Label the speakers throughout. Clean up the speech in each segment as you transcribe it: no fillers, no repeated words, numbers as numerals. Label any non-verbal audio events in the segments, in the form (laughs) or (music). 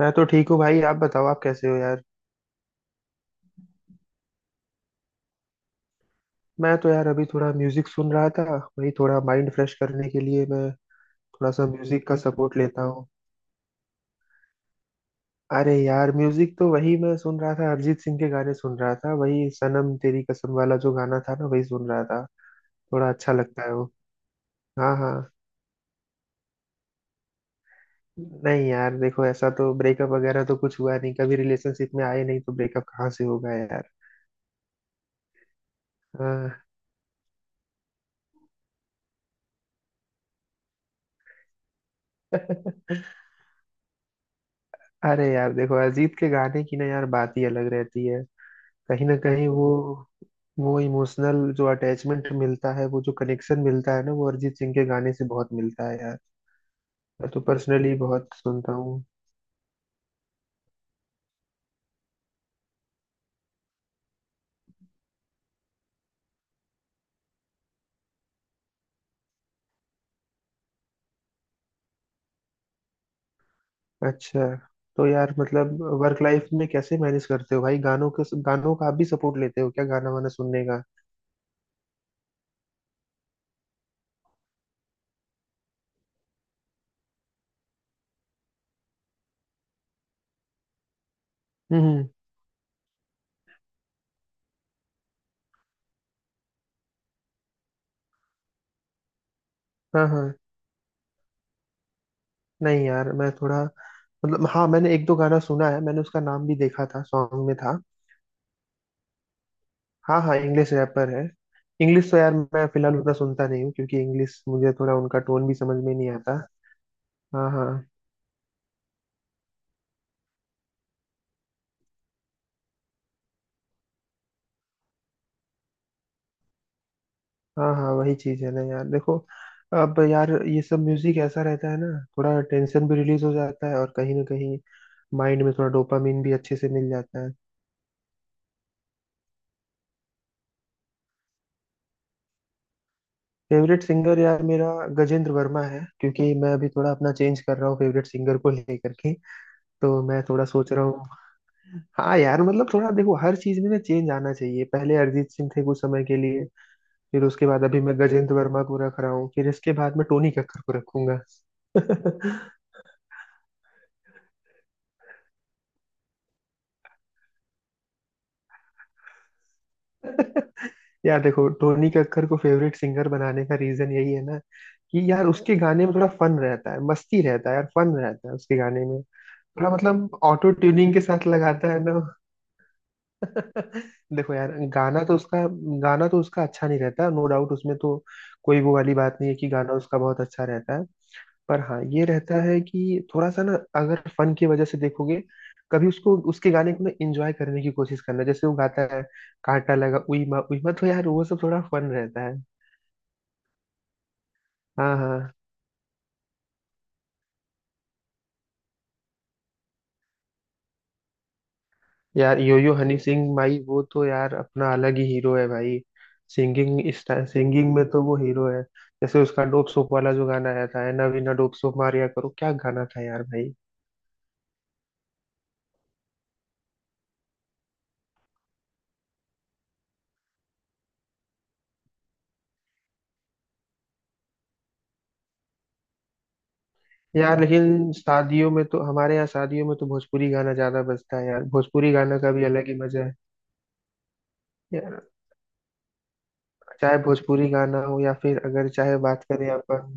Speaker 1: मैं तो ठीक हूँ भाई। आप बताओ, आप कैसे हो यार। मैं तो यार अभी थोड़ा म्यूजिक सुन रहा था। वही, थोड़ा माइंड फ्रेश करने के लिए मैं थोड़ा सा म्यूजिक का सपोर्ट लेता हूँ। अरे यार, म्यूजिक तो वही मैं सुन रहा था, अरिजीत सिंह के गाने सुन रहा था। वही सनम तेरी कसम वाला जो गाना था ना, वही सुन रहा था। थोड़ा अच्छा लगता है वो। हाँ हाँ। नहीं यार देखो, ऐसा तो ब्रेकअप वगैरह तो कुछ हुआ नहीं, कभी रिलेशनशिप में आए नहीं तो ब्रेकअप कहाँ से होगा यार। हाँ (laughs) अरे यार देखो, अरिजीत के गाने की ना यार बात ही अलग रहती है। कहीं ना कहीं वो इमोशनल जो अटैचमेंट मिलता है, वो जो कनेक्शन मिलता है ना, वो अरिजीत सिंह के गाने से बहुत मिलता है यार। मैं तो पर्सनली बहुत सुनता हूँ। अच्छा, तो यार मतलब वर्क लाइफ में कैसे मैनेज करते हो भाई, गानों के गानों का आप भी सपोर्ट लेते हो क्या, गाना वाना सुनने का? हम्म। हाँ हाँ। नहीं यार मैं थोड़ा, मतलब हाँ, मैंने एक दो गाना सुना है, मैंने उसका नाम भी देखा था सॉन्ग में था। हाँ हाँ, इंग्लिश रैपर है। इंग्लिश तो यार मैं फिलहाल उतना सुनता नहीं हूँ, क्योंकि इंग्लिश मुझे थोड़ा, उनका टोन भी समझ में नहीं आता। हाँ हाँ हाँ हाँ, वही चीज है ना यार देखो। अब यार ये सब म्यूजिक ऐसा रहता है ना, थोड़ा टेंशन भी रिलीज हो जाता है और कहीं ना कहीं माइंड में थोड़ा डोपामिन भी अच्छे से मिल जाता है। फेवरेट सिंगर यार मेरा गजेंद्र वर्मा है, क्योंकि मैं अभी थोड़ा अपना चेंज कर रहा हूँ फेवरेट सिंगर को लेकर के। तो मैं थोड़ा सोच रहा हूँ। हाँ यार, मतलब थोड़ा देखो हर चीज में ना चेंज आना चाहिए। पहले अरिजीत सिंह थे कुछ समय के लिए, फिर उसके बाद अभी मैं गजेंद्र वर्मा को रख रहा हूँ, फिर इसके बाद मैं टोनी कक्कर को रखूंगा (laughs) (laughs) यार देखो, टोनी कक्कर को फेवरेट सिंगर बनाने का रीजन यही है ना कि यार उसके गाने में थोड़ा फन रहता है, मस्ती रहता है यार, फन रहता है उसके गाने में। थोड़ा मतलब ऑटो ट्यूनिंग के साथ लगाता है ना। देखो यार गाना तो उसका अच्छा नहीं रहता, नो डाउट उसमें तो कोई वो वाली बात नहीं है कि गाना उसका बहुत अच्छा रहता है। पर हाँ, ये रहता है कि थोड़ा सा ना, अगर फन की वजह से देखोगे, कभी उसको, उसके गाने को ना इंजॉय करने की कोशिश करना। जैसे वो गाता है, कांटा लगा उई माँ उई माँ, तो यार वो सब थोड़ा फन रहता है। हाँ हाँ। यार योयो हनी सिंह भाई, वो तो यार अपना अलग ही हीरो है भाई। सिंगिंग सिंगिंग में तो वो हीरो है। जैसे उसका डोप सोप वाला जो गाना आया था है ना, बिना डोप सोप मारिया करो, क्या गाना था यार भाई। यार लेकिन शादियों में तो हमारे यहाँ शादियों में तो भोजपुरी गाना ज्यादा बजता है यार, भोजपुरी गाना का भी अलग ही मजा है यार। चाहे भोजपुरी गाना हो या फिर अगर चाहे बात करें अपन।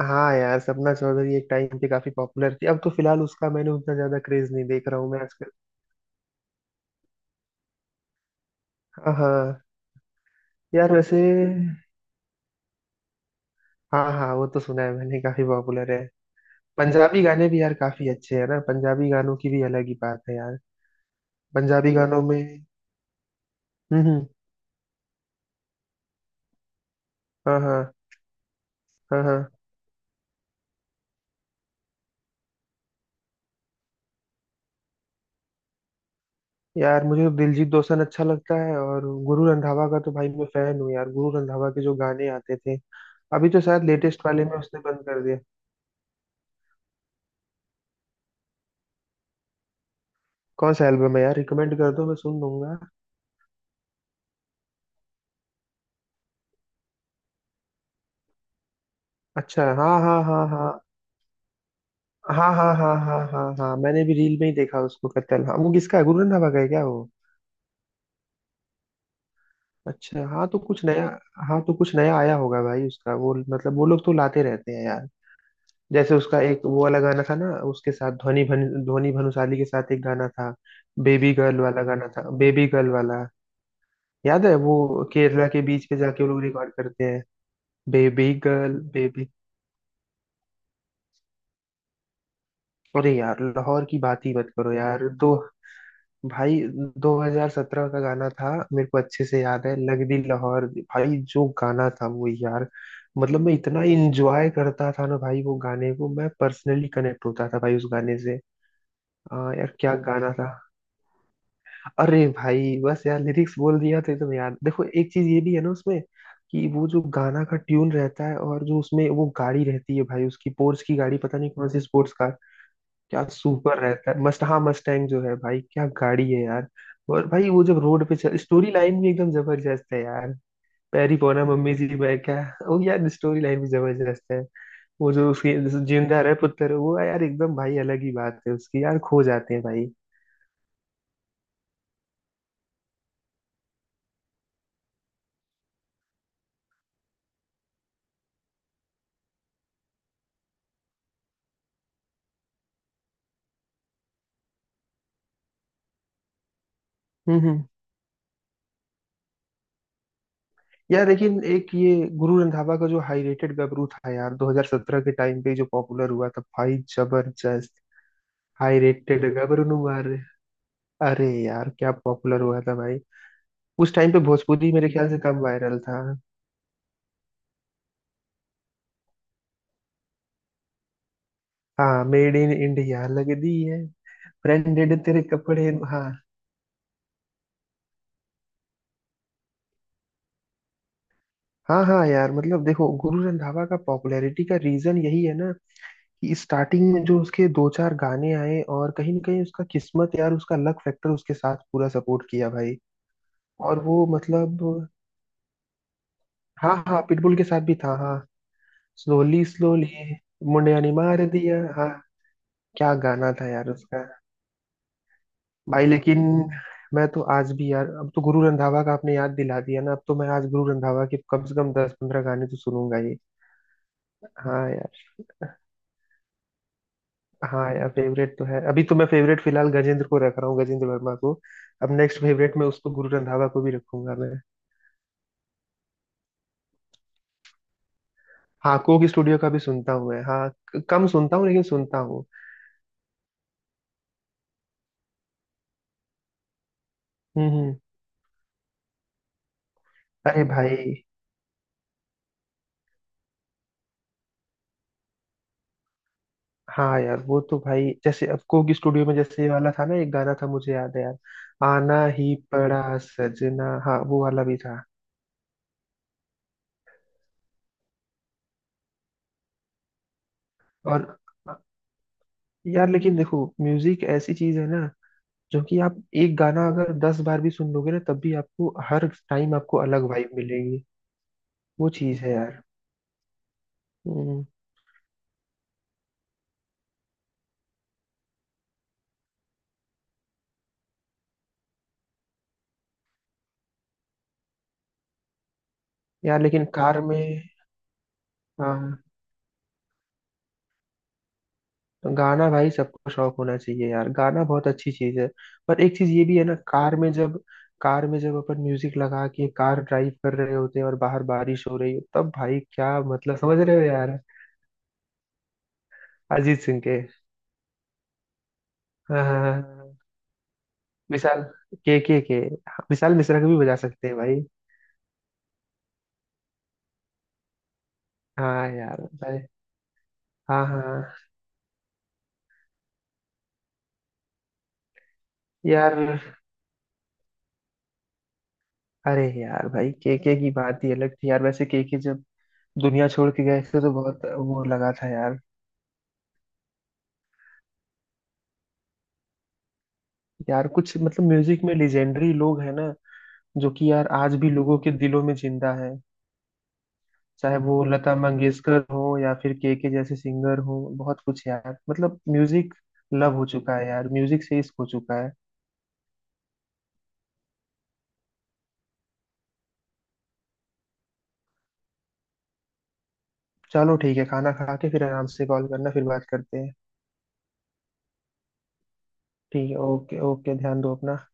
Speaker 1: हाँ यार, सपना चौधरी एक टाइम पे काफी पॉपुलर थी, अब तो फिलहाल उसका मैंने उतना ज्यादा क्रेज नहीं देख रहा हूँ मैं आजकल। हाँ हाँ यार वैसे, हाँ हाँ, वो तो सुना है मैंने, काफी पॉपुलर है। पंजाबी गाने भी यार काफी अच्छे हैं ना, पंजाबी गानों की भी अलग ही बात है यार। पंजाबी गानों में। हम्म हम्म, हाँ हाँ हाँ हाँ। यार मुझे तो दिलजीत दोसांझ अच्छा लगता है, और गुरु रंधावा का तो भाई मैं फैन हूँ यार, गुरु रंधावा के जो गाने आते थे। अभी तो शायद लेटेस्ट वाले में उसने बंद कर दिया। कौन सा एल्बम है यार, रिकमेंड कर दो, मैं सुन लूंगा। अच्छा हाँ हाँ हाँ हाँ हाँ हाँ हाँ हाँ हाँ हाँ, मैंने भी रील में ही देखा उसको, कत्ल, हाँ। वो किसका है, गुरु रंधावा का है क्या वो? अच्छा हाँ, तो कुछ नया, हाँ तो कुछ नया आया होगा भाई उसका। वो मतलब वो लोग तो लाते रहते हैं यार। जैसे उसका एक वो वाला गाना था ना उसके साथ, ध्वनि भानुशाली के साथ एक गाना था। बेबी गर्ल वाला गाना था, बेबी गर्ल वाला। याद है वो, केरला के बीच पे जाके वो लोग रिकॉर्ड करते हैं। Baby girl baby. अरे यार लाहौर की बात ही मत करो यार। दो भाई, 2017 का गाना था, मेरे को अच्छे से याद है लग दी लाहौर भाई, जो गाना था वो यार। मतलब मैं इतना इंजॉय करता था ना भाई वो गाने को, मैं पर्सनली कनेक्ट होता था भाई उस गाने से। यार क्या गाना था। अरे भाई, बस यार लिरिक्स बोल दिया तो एकदम याद। देखो एक चीज ये भी है ना उसमें कि वो जो गाना का ट्यून रहता है, और जो उसमें वो गाड़ी रहती है भाई, उसकी पोर्स की गाड़ी, पता नहीं कौन सी स्पोर्ट्स कार। क्या सुपर रहता है, मस्ट हाँ मस्टैंग जो है भाई, क्या गाड़ी है यार। और भाई वो जब रोड पे चल, स्टोरी लाइन भी एकदम जबरदस्त है यार। पैरी पोना मम्मी जी, मैं क्या। वो यार स्टोरी लाइन भी जबरदस्त है। वो जो उसके जो जिंदा रहे पुत्र, वो यार एकदम भाई अलग ही बात है उसकी यार, खो जाते हैं भाई। हम्म। यार लेकिन एक ये गुरु रंधावा का जो हाई रेटेड गबरू था यार, 2017 के टाइम पे जो पॉपुलर हुआ था भाई, जबरदस्त। हाई रेटेड गबरू नु मार। अरे यार क्या पॉपुलर हुआ था भाई। उस टाइम पे भोजपुरी मेरे ख्याल से तब वायरल था। हाँ, मेड इन इंडिया, लग दी है, ब्रांडेड तेरे कपड़े, हाँ। हाँ हाँ यार, मतलब देखो गुरु रंधावा का पॉपुलैरिटी का रीजन यही है ना कि स्टार्टिंग में जो उसके दो चार गाने आए, और कहीं ना कहीं उसका किस्मत यार, उसका लक फैक्टर उसके साथ पूरा सपोर्ट किया भाई। और वो मतलब, हाँ हाँ पिटबुल के साथ भी था हाँ। स्लोली स्लोली, मुंडिया ने मार दिया हाँ। क्या गाना था यार उसका। भाई लेकिन मैं तो आज भी यार, अब तो गुरु रंधावा का आपने याद दिला दिया ना, अब तो मैं आज गुरु रंधावा के कम से कम 10 15 गाने तो सुनूंगा ही। हाँ यार। हाँ यार फेवरेट तो है, अभी तो मैं फेवरेट फिलहाल गजेंद्र को रख रहा हूँ, गजेंद्र वर्मा को। अब नेक्स्ट फेवरेट में उसको गुरु रंधावा को भी रखूंगा मैं। हाँ कोक स्टूडियो का भी सुनता हूँ मैं, हाँ, कम सुनता हूँ लेकिन सुनता हूँ। हम्म। अरे भाई, हाँ यार वो तो भाई जैसे अब कोक स्टूडियो में जैसे ये वाला था ना, एक गाना था मुझे याद है यार, आना ही पड़ा सजना, हाँ वो वाला भी था। और यार लेकिन देखो, म्यूजिक ऐसी चीज है ना, जो कि आप एक गाना अगर दस बार भी सुन लोगे ना, तब भी आपको हर टाइम आपको अलग वाइब मिलेगी। वो चीज है यार। हम्म। यार लेकिन कार में, हाँ तो गाना भाई सबको शौक होना चाहिए यार, गाना बहुत अच्छी चीज है। पर एक चीज ये भी है ना, कार में जब अपन म्यूजिक लगा के कार ड्राइव कर रहे होते हैं और बाहर बारिश हो रही हो, तब भाई क्या, मतलब समझ रहे हो यार। अरिजीत सिंह के। हाँ हाँ हाँ, हाँ। विशाल, के, विशाल मिश्रा को भी बजा सकते हैं भाई। हाँ यार भाई। हाँ हाँ हाँ। यार अरे यार भाई, के की बात ही अलग थी यार, वैसे के जब दुनिया छोड़ के गए थे तो बहुत वो लगा था यार। यार कुछ मतलब म्यूजिक में लेजेंडरी लोग हैं ना, जो कि यार आज भी लोगों के दिलों में जिंदा है। चाहे वो लता मंगेशकर हो या फिर के जैसे सिंगर हो, बहुत कुछ यार, मतलब म्यूजिक लव हो चुका है यार, म्यूजिक से इश्क हो चुका है। चलो ठीक है, खाना खा के फिर आराम से कॉल करना, फिर बात करते हैं। ठीक है, ओके ओके, ध्यान दो अपना।